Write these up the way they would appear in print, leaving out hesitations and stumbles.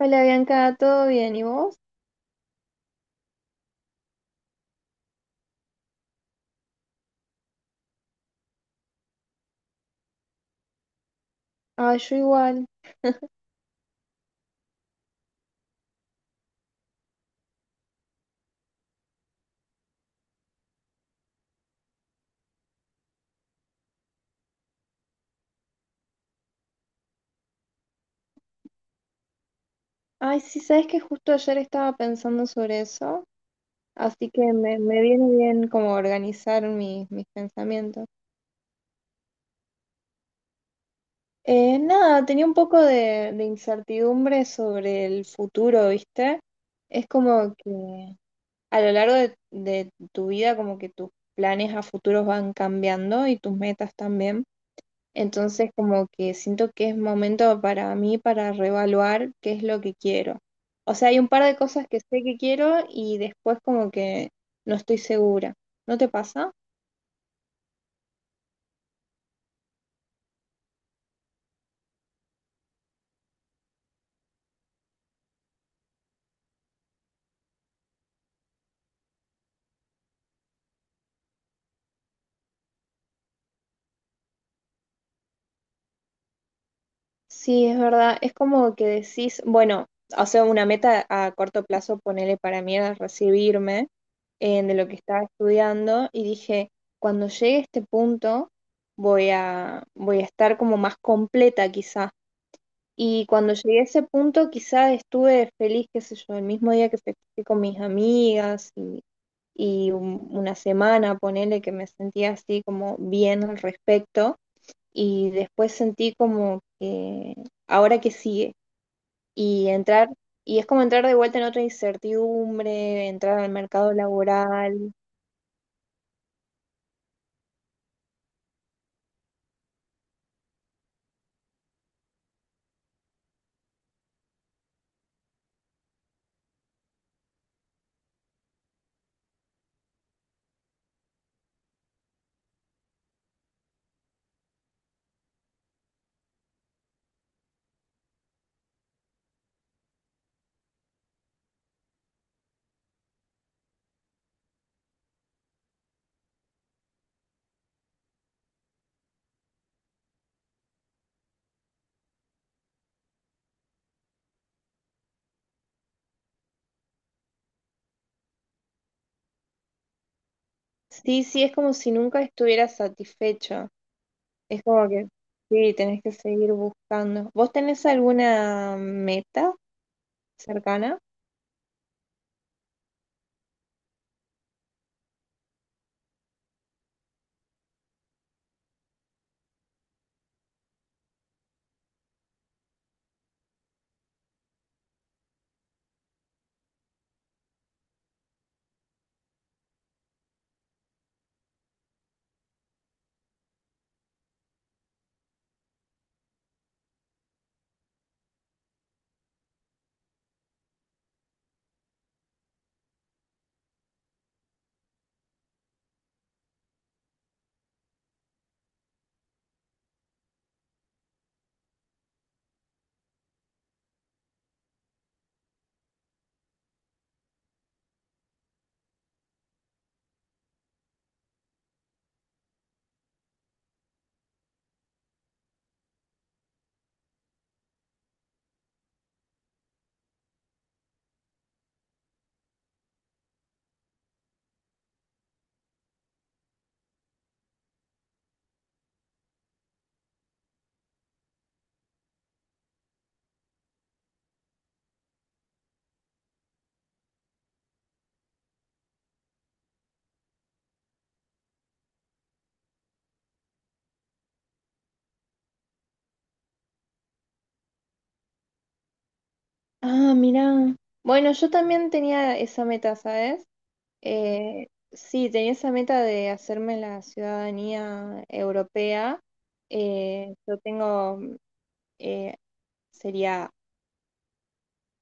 Hola Bianca, ¿todo bien? ¿Y vos? Ah, yo igual. Ay, sí, sabes que justo ayer estaba pensando sobre eso, así que me viene bien como organizar mis pensamientos. Nada, tenía un poco de incertidumbre sobre el futuro, ¿viste? Es como que a lo largo de tu vida como que tus planes a futuros van cambiando y tus metas también. Entonces como que siento que es momento para mí para reevaluar qué es lo que quiero. O sea, hay un par de cosas que sé que quiero y después como que no estoy segura. ¿No te pasa? Sí, es verdad. Es como que decís, bueno, o sea, una meta a corto plazo, ponele para mí era recibirme de lo que estaba estudiando y dije, cuando llegue a este punto voy a estar como más completa quizás. Y cuando llegué a ese punto, quizás estuve feliz, qué sé yo, el mismo día que festejé con mis amigas y una semana, ponele que me sentía así como bien al respecto. Y después sentí como que ahora que sigue. Y entrar, y es como entrar de vuelta en otra incertidumbre, entrar al mercado laboral. Sí, sí, es como si nunca estuviera satisfecho. Es como que sí, tenés que seguir buscando. ¿Vos tenés alguna meta? Cercana. Ah, mira. Bueno, yo también tenía esa meta, ¿sabes? Sí, tenía esa meta de hacerme la ciudadanía europea. Eh, yo tengo, eh, sería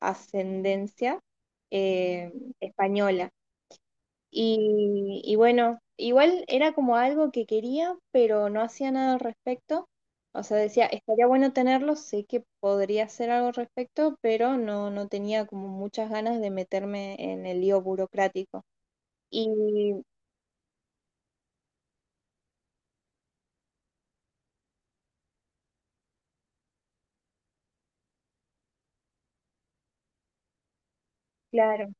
ascendencia eh, española. Y bueno, igual era como algo que quería, pero no hacía nada al respecto. O sea, decía, estaría bueno tenerlo, sé que podría hacer algo al respecto, pero no, no tenía como muchas ganas de meterme en el lío burocrático. Y claro.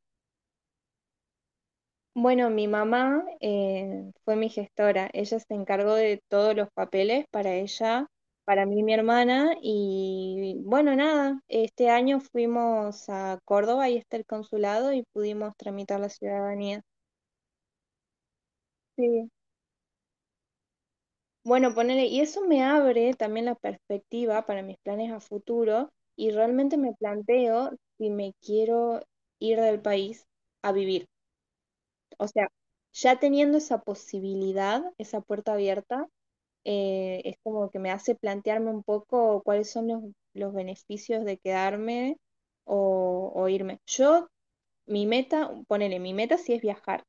Bueno, mi mamá fue mi gestora. Ella se encargó de todos los papeles para ella, para mí y mi hermana. Y bueno, nada, este año fuimos a Córdoba y está el consulado y pudimos tramitar la ciudadanía. Sí. Bueno, ponele, y eso me abre también la perspectiva para mis planes a futuro y realmente me planteo si me quiero ir del país a vivir. O sea, ya teniendo esa posibilidad, esa puerta abierta. Es como que me hace plantearme un poco cuáles son los beneficios de quedarme o irme. Yo, mi meta, ponele, mi meta sí es viajar,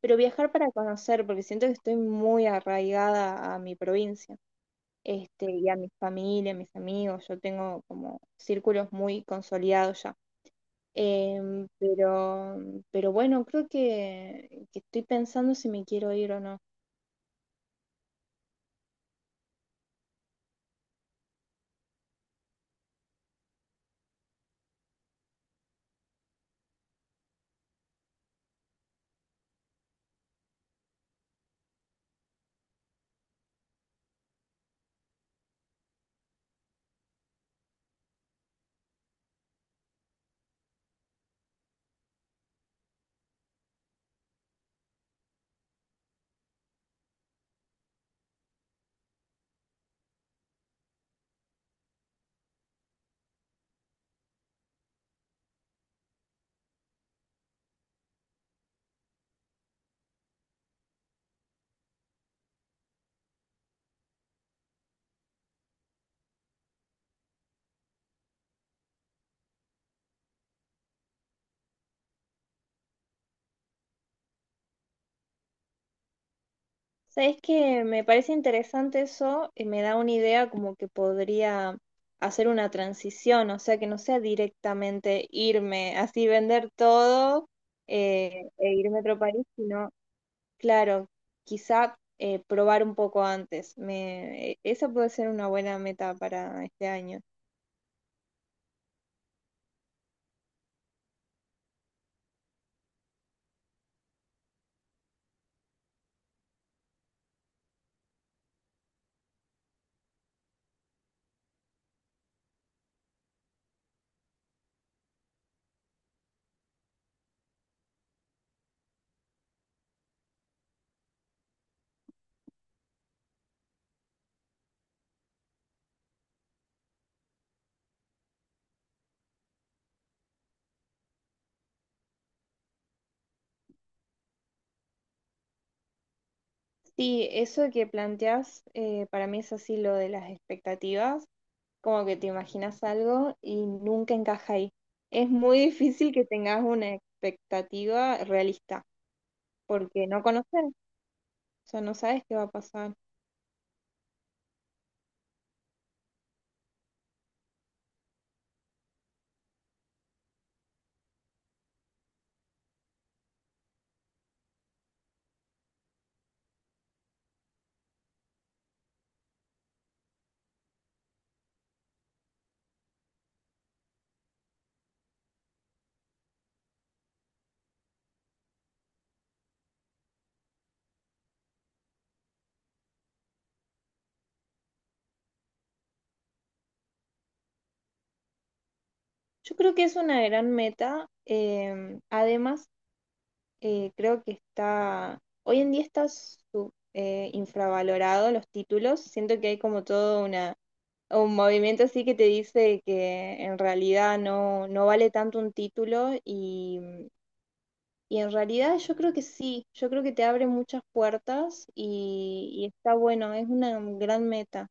pero viajar para conocer, porque siento que estoy muy arraigada a mi provincia, este, y a mi familia, a mis amigos, yo tengo como círculos muy consolidados ya. Em, pero, pero bueno, creo que estoy pensando si me quiero ir o no. Sabes que me parece interesante eso y me da una idea como que podría hacer una transición, o sea, que no sea directamente irme, así vender todo e irme a otro país, sino, claro, quizá probar un poco antes. Esa puede ser una buena meta para este año. Sí, eso que planteas para mí es así lo de las expectativas. Como que te imaginas algo y nunca encaja ahí. Es muy difícil que tengas una expectativa realista, porque no conoces, o sea, no sabes qué va a pasar. Yo creo que es una gran meta. Creo que está, hoy en día está infravalorado los títulos. Siento que hay como todo una, un movimiento así que te dice que en realidad no, no vale tanto un título. Y en realidad yo creo que sí, yo creo que te abre muchas puertas y está bueno, es una gran meta.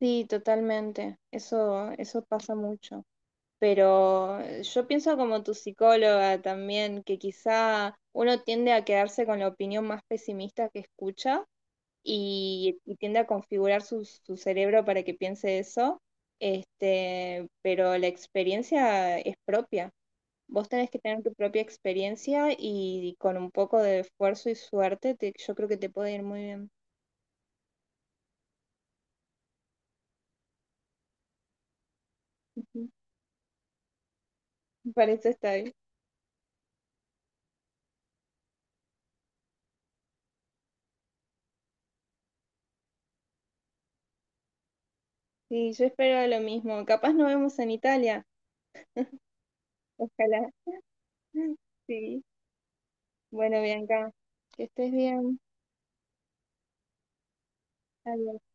Sí, totalmente, eso pasa mucho. Pero yo pienso como tu psicóloga también, que quizá uno tiende a quedarse con la opinión más pesimista que escucha y tiende a configurar su cerebro para que piense eso, este, pero la experiencia es propia. Vos tenés que tener tu propia experiencia y con un poco de esfuerzo y suerte, yo creo que te puede ir muy bien. Ujú. Para eso estoy. Sí, yo espero lo mismo. Capaz nos vemos en Italia. Ojalá. Sí. Bueno, Bianca, que estés bien. Adiós.